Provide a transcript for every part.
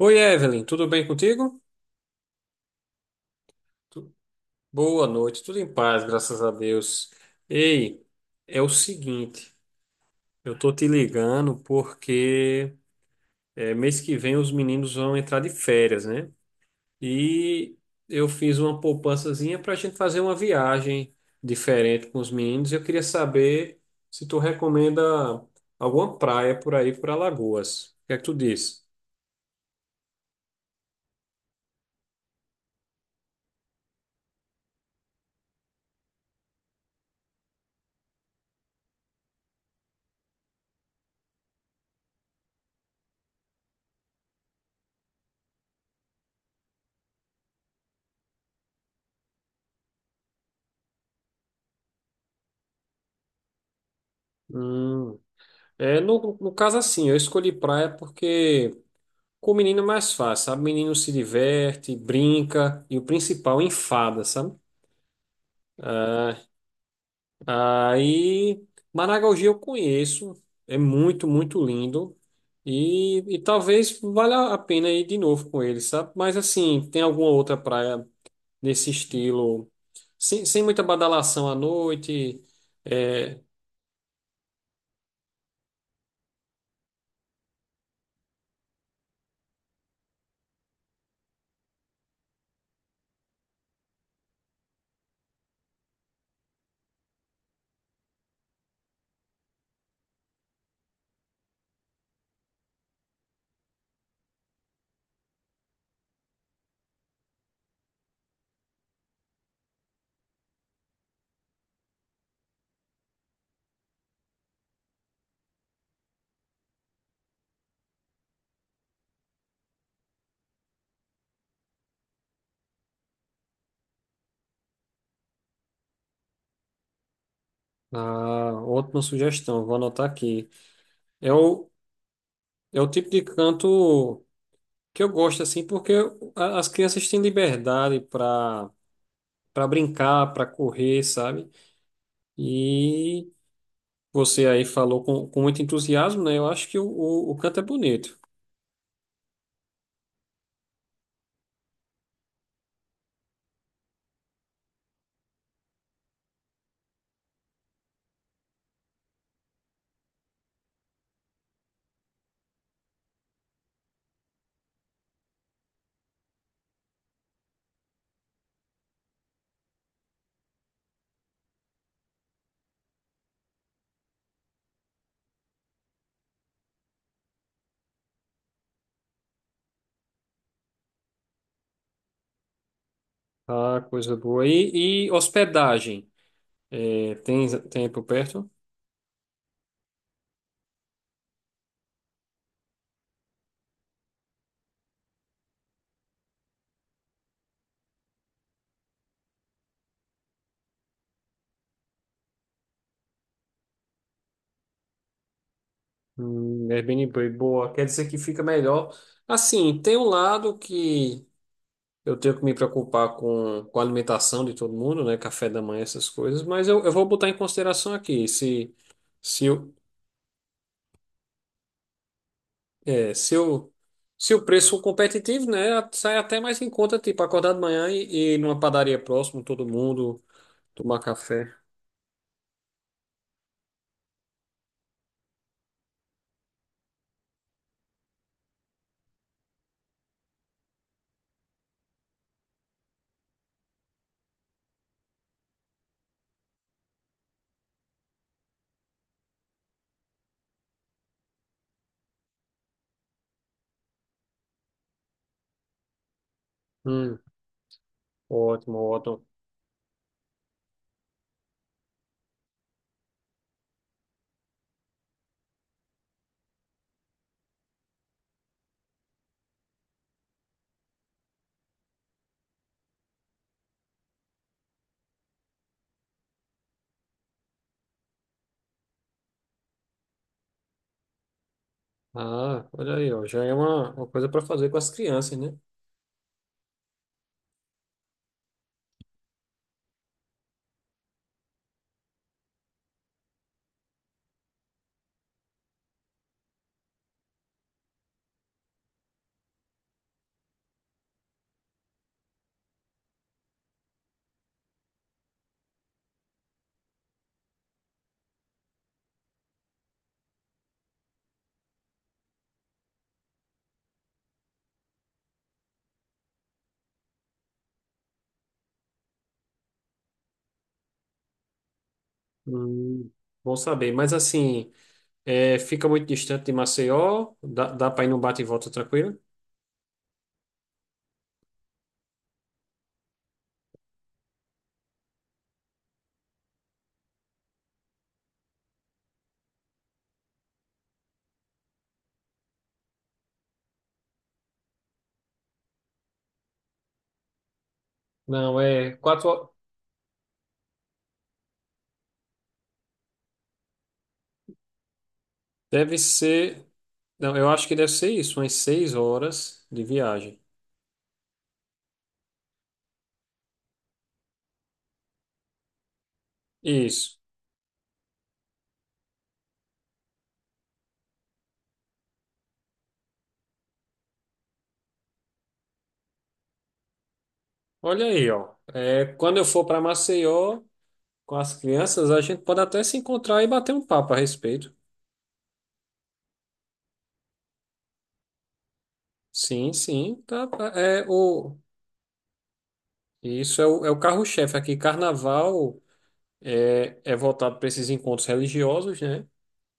Oi, Evelyn, tudo bem contigo? Tu- Boa noite, tudo em paz, graças a Deus. Ei, é o seguinte, eu tô te ligando porque é, mês que vem os meninos vão entrar de férias, né? E eu fiz uma poupançazinha para a gente fazer uma viagem diferente com os meninos. Eu queria saber se tu recomenda alguma praia por aí, por Alagoas. O que é que tu diz? Hum, é, no caso, assim, eu escolhi praia porque com o menino é mais fácil, sabe? O menino se diverte, brinca e o principal enfada, sabe? Ah, aí, Maragogi eu conheço, é muito, muito lindo e talvez valha a pena ir de novo com ele, sabe? Mas assim, tem alguma outra praia nesse estilo, sem muita badalação à noite? É, ah, ótima sugestão, vou anotar aqui. É o, é o tipo de canto que eu gosto assim, porque as crianças têm liberdade para para brincar, para correr, sabe? E você aí falou com muito entusiasmo, né? Eu acho que o canto é bonito. Ah, coisa boa. E hospedagem? É, tem por perto? Airbnb, boa. Quer dizer que fica melhor. Assim, tem um lado que eu tenho que me preocupar com a alimentação de todo mundo, né? Café da manhã, essas coisas, mas eu vou botar em consideração aqui. Se, É, se o preço for competitivo, né, sai até mais em conta, tipo, acordar de manhã e ir numa padaria próximo, todo mundo, tomar café. Hum, ótimo, ótimo. Ah, olha aí, ó, já é uma coisa para fazer com as crianças, né? Hum, bom saber. Mas assim, é, fica muito distante de Maceió, dá para ir num bate e volta tranquilo? Não, é quatro. Deve ser. Não, eu acho que deve ser isso, umas seis horas de viagem. Isso. Olha aí, ó. É, quando eu for para Maceió com as crianças, a gente pode até se encontrar e bater um papo a respeito. Sim, sim, tá, tá. É o, isso é é o carro-chefe aqui. Carnaval é, é voltado para esses encontros religiosos, né?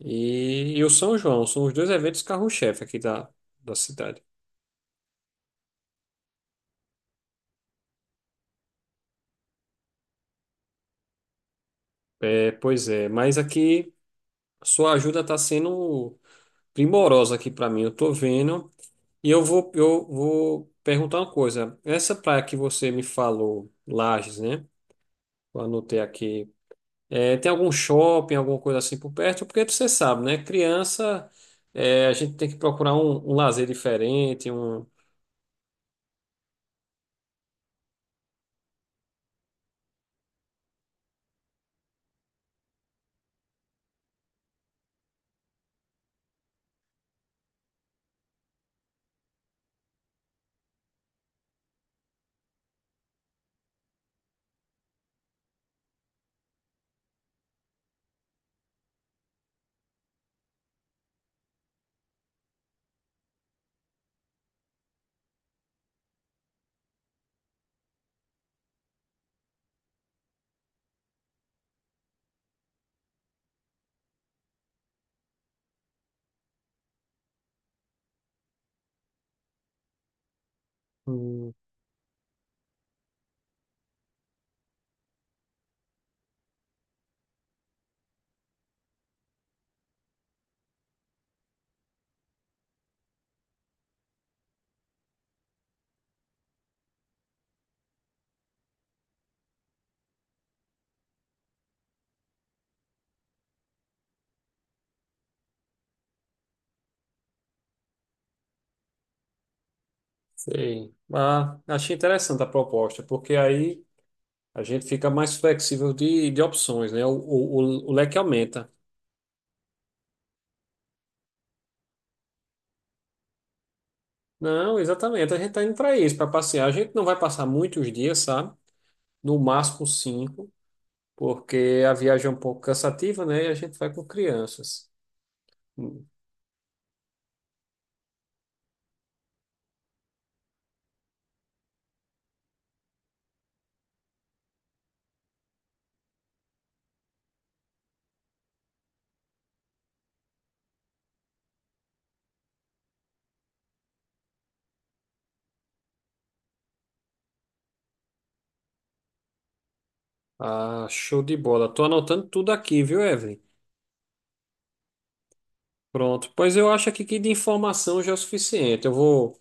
E o São João são os dois eventos carro-chefe aqui da cidade. É, pois é, mas aqui sua ajuda está sendo primorosa aqui para mim. Eu tô vendo. E eu vou perguntar uma coisa. Essa praia que você me falou, Lages, né? Eu anotei aqui. É, tem algum shopping, alguma coisa assim por perto? Porque você sabe, né? Criança, é, a gente tem que procurar um lazer diferente, um, sei. Ah, achei interessante a proposta, porque aí a gente fica mais flexível de opções, né? O leque aumenta. Não, exatamente. A gente está indo para isso, para passear. A gente não vai passar muitos dias, sabe? No máximo cinco, porque a viagem é um pouco cansativa, né? E a gente vai com crianças. Hum. Ah, show de bola. Tô anotando tudo aqui, viu, Evelyn? Pronto. Pois eu acho aqui que de informação já é o suficiente. Eu vou.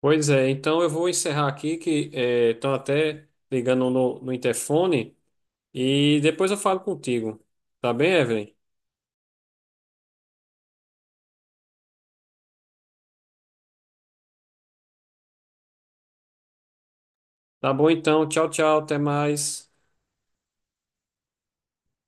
Pois é, então eu vou encerrar aqui, que estão até ligando no interfone. E depois eu falo contigo. Tá bem, Evelyn? Tá bom então. Tchau, tchau. Até mais.